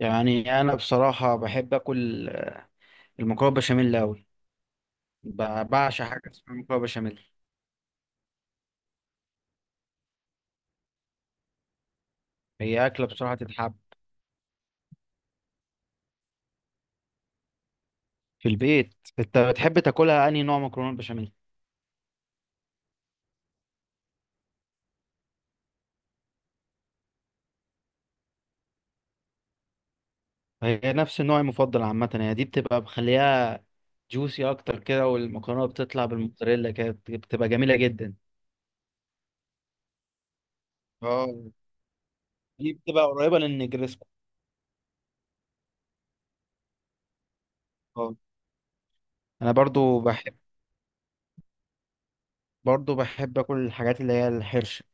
يعني، انا بصراحه بحب اكل المكرونه بشاميل قوي. بعشق حاجه اسمها مكرونه بشاميل. هي اكله بصراحه تتحب. في البيت. انت بتحب تاكلها انهي نوع مكرونه بشاميل؟ هي نفس النوع المفضل عامه، يعني دي بتبقى مخليها جوسي اكتر كده، والمكرونه بتطلع بالموتزاريلا كده بتبقى جميله جدا. اه، دي بتبقى قريبه للنجرسكو. اه، انا برضو بحب اكل الحاجات اللي هي الحرشه،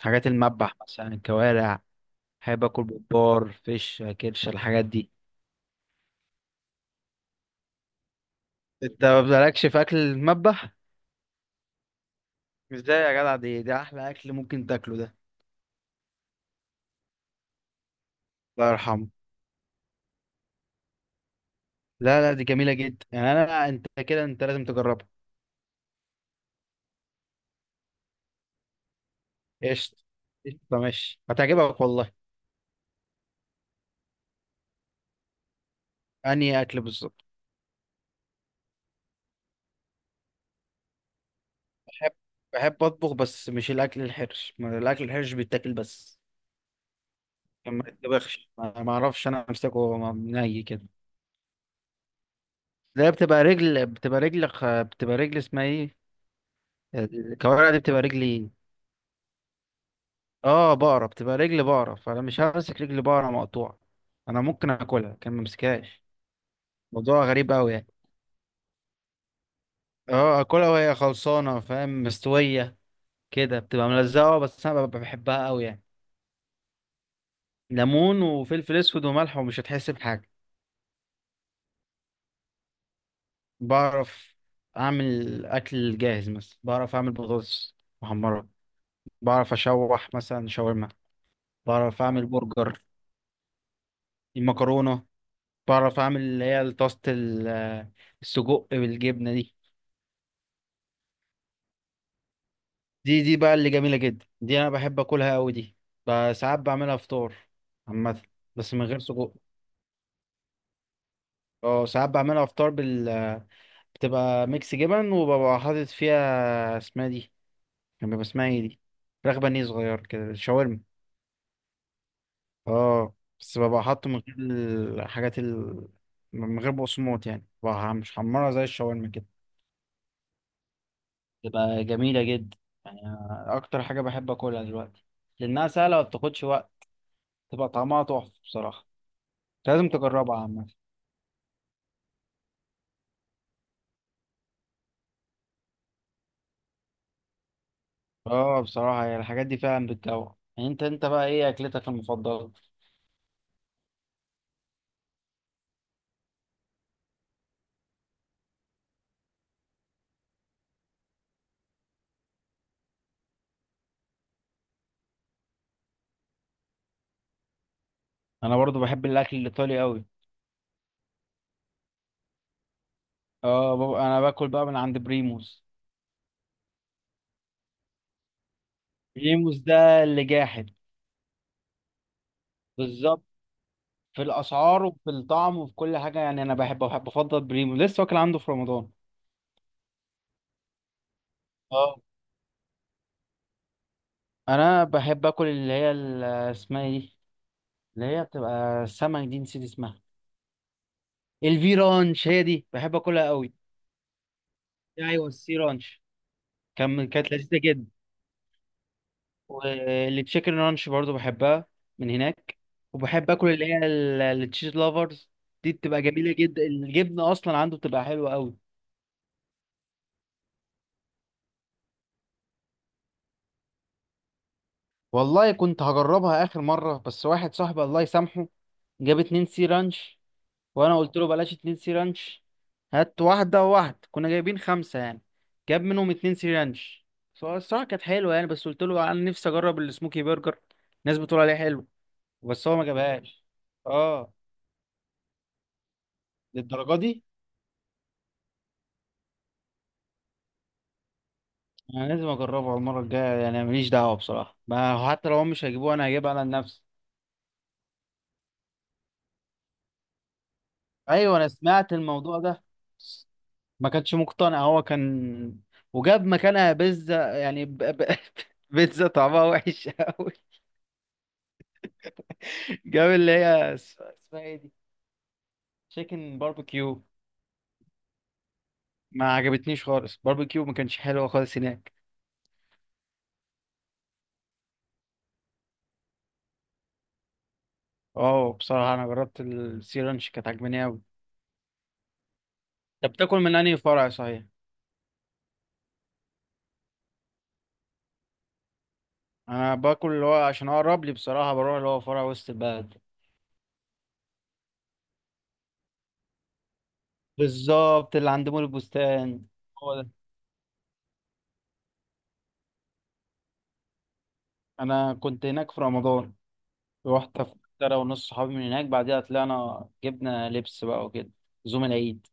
حاجات المذبح مثلا، الكوارع. بحب اكل ببار فيش كرش الحاجات دي. انت ما بتبقالكش في اكل المذبح؟ ازاي يا جدع؟ ده احلى اكل ممكن تاكله ده. الله يرحمه. لا، لا، دي جميله جدا يعني، انا انت كده، انت لازم تجربها. قشطه، قشطه، ماشي، هتعجبك والله. انهي اكل بالظبط؟ بحب بحب اطبخ بس مش الاكل الحرش، ما الاكل الحرش بيتاكل بس، ما يتطبخش، ما اعرفش انا امسكه ني كده. ده بتبقى رجل اسمها ايه، الكوارع دي بتبقى رجلي. اه، بقرة بتبقى رجل بقرة، فانا مش همسك رجل بقرة مقطوعة. انا ممكن اكلها كان ممسكهاش. موضوع غريب قوي يعني. اه، اكلها وهي خلصانة، فاهم، مستوية كده بتبقى ملزقة، بس انا ببقى بحبها قوي يعني. ليمون وفلفل اسود وملح ومش هتحس بحاجة. بعرف اعمل اكل جاهز، مثلا بعرف اعمل بطاطس محمرة، بعرف اشوح مثلا شاورما، بعرف اعمل برجر، المكرونة. بعرف اعمل اللي هي طاسة السجق بالجبنة دي. دي بقى اللي جميلة جدا دي، انا بحب اكلها قوي دي. ساعات بعملها فطار عامة، بس من غير سجق. اه، ساعات بعملها فطار بتبقى ميكس جبن وببقى حاطط فيها اسمها دي. كان بيبقى اسمها ايه دي؟ فراخ بانيه صغير كده، شاورما. اه، بس ببقى حاطه من غير الحاجات من غير بقسماط يعني، ببقى مش حمرها زي الشاورما كده. بتبقى جميلة جدا، يعني أنا اكتر حاجة بحب اكلها دلوقتي، لانها سهلة وما بتاخدش وقت، تبقى طعمها تحفة بصراحة. لازم تجربها عامة. اه، بصراحة هي الحاجات دي فعلا بتجوع، يعني انت بقى ايه اكلتك المفضلة؟ انا برضو بحب الاكل الايطالي قوي. اه، بابا، انا باكل بقى من عند بريموس. بريموس ده اللي جاحد. بالظبط، في الاسعار وفي الطعم وفي كل حاجة، يعني انا بحب افضل بريموس لسه، واكل عنده في رمضان. اه، انا بحب اكل اللي هي اسمها ايه دي، اللي هي بتبقى السمك دي، نسيت اسمها. الفي رانش، هي دي بحب اكلها قوي. ايوه، السي رانش، كانت لذيذة جدا. والتشيكن رانش برضو بحبها من هناك. وبحب اكل اللي هي التشيز لافرز، دي بتبقى جميله جدا، الجبنه اصلا عنده بتبقى حلوه قوي. والله كنت هجربها اخر مره، بس واحد صاحبي الله يسامحه جاب اتنين سي رانش. وانا قلت له بلاش اتنين سي رانش، هات واحده وواحد، كنا جايبين خمسه يعني. جاب منهم اتنين سي رانش. فهو الصراحه كانت حلوه يعني، بس قلت له انا نفسي اجرب السموكي برجر، الناس بتقول عليه حلو. بس هو ما جابهاش. اه، للدرجه دي، انا لازم اجربها المره الجايه يعني. أنا ماليش دعوه بصراحه، ما حتى لو هم مش هيجيبوه انا هجيبها على نفسي. ايوه، انا سمعت الموضوع ده. ما كانش مقتنع هو، كان وجاب مكانها بيتزا يعني بيتزا طعمها وحش قوي. جاب اللي هي اسمها ايه دي، تشيكن باربيكيو. ما عجبتنيش خالص، باربيكيو ما كانش حلو خالص هناك. اه، بصراحه انا جربت السي رانش كانت عجباني قوي. انت بتاكل من انهي فرع صحيح؟ انا باكل اللي هو عشان اقرب لي بصراحه، بروح اللي هو فرع وسط البلد. بالظبط، اللي عند مول البستان، هو ده. انا كنت هناك في رمضان، رحت انا ونص صحابي من هناك، بعدها طلعنا جبنا لبس بقى وكده، زوم العيد.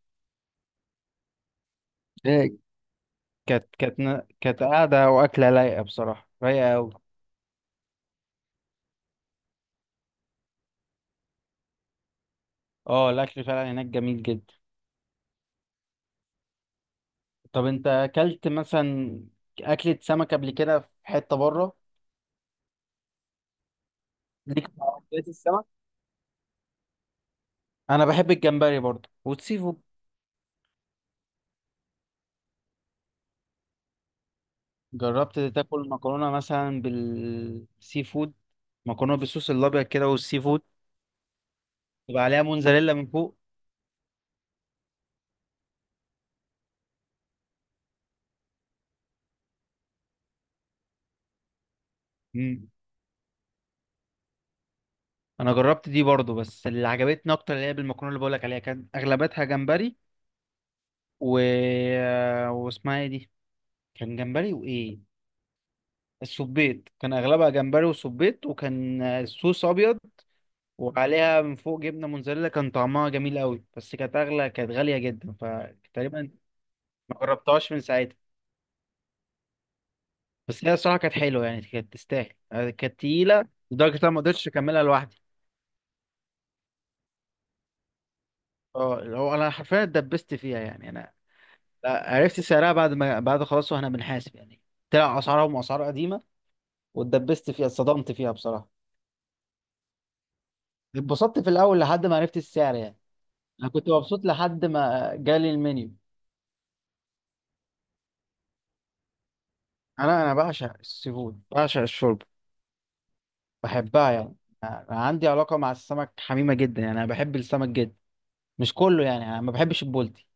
إيه، كانت قاعدة، وأكلة لايقة بصراحة، رايقة أوي. اه، الأكل فعلا هناك جميل جدا. طب أنت أكلت مثلا أكلة سمك قبل كده في حتة بره؟ ليك في أكلات السمك؟ أنا بحب الجمبري برضه والسيفود. جربت تاكل مكرونة مثلا بالسي فود؟ مكرونة بالصوص الأبيض كده والسي فود، يبقى عليها موتزاريلا من فوق. مم. أنا جربت دي برضو، بس اللي عجبتني أكتر اللي هي بالمكرونة اللي بقولك عليها، كان أغلبتها جمبري و... آه، واسمها إيه دي، كان جمبري وإيه، السبيط، كان أغلبها جمبري وسبيط، وكان الصوص أبيض وعليها من فوق جبنة موتزاريلا، كان طعمها جميل قوي، بس كانت أغلى، كانت غالية جدا فتقريبا ما جربتهاش من ساعتها. بس هي الصراحه كانت حلوه يعني، كانت تستاهل، كانت تقيله لدرجه إن انا ما قدرتش اكملها لوحدي. اه، اللي هو انا حرفيا اتدبست فيها يعني انا. لا، عرفت سعرها بعد ما بعد خلاص، واحنا بنحاسب يعني، طلع اسعارهم اسعار قديمه، واتدبست فيها، اتصدمت فيها بصراحه. اتبسطت في الاول لحد ما عرفت السعر يعني، انا كنت مبسوط لحد ما جالي المنيو. انا بعشق السي فود، بعشق الشوربه، بحبها يعني. انا عندي علاقه مع السمك حميمه جدا، يعني انا بحب السمك جدا. مش كله يعني، انا ما بحبش البولتي،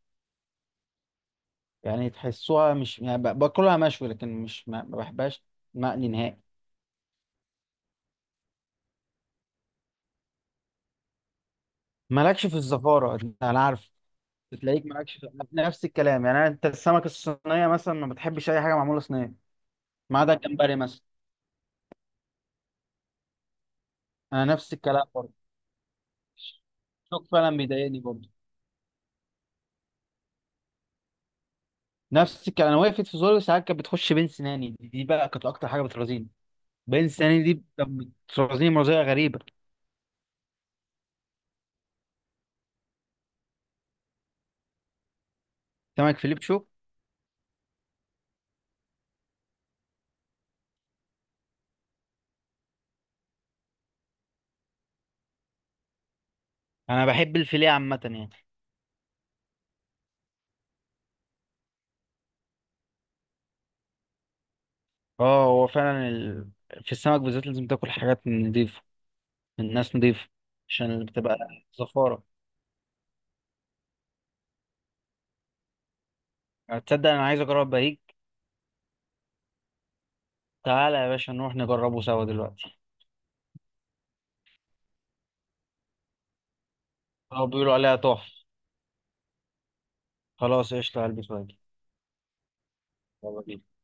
يعني تحسوها مش يعني، باكلها مشوي لكن مش ما بحبهاش مقلي نهائي. مالكش في الزفارة، انا عارف. بتلاقيك مالكش نفس الكلام يعني، انت السمك الصينية مثلا ما بتحبش اي حاجة معمولة صينية، ما عدا الجمبري مثلا. انا نفس الكلام برضه، الشوك فعلا بيضايقني برضه. نفس الكلام، انا وقفت في زوري ساعات، كانت بتخش بين سناني دي بقى، كانت اكتر حاجة بترازيني بين سناني، دي بترازيني، مرضية غريبة. سمك فيليبشو، انا بحب الفيليه عامة يعني. اه، هو فعلا في السمك بالذات لازم تاكل حاجات نضيفة، الناس نضيفة عشان بتبقى زفارة. يعني تصدق انا عايز اجرب بهيج، تعالى يا باشا نروح نجربه سوا دلوقتي، هو بيقولوا عليها تحفة. خلاص، قشطة، هلبس واجي. يلا بينا.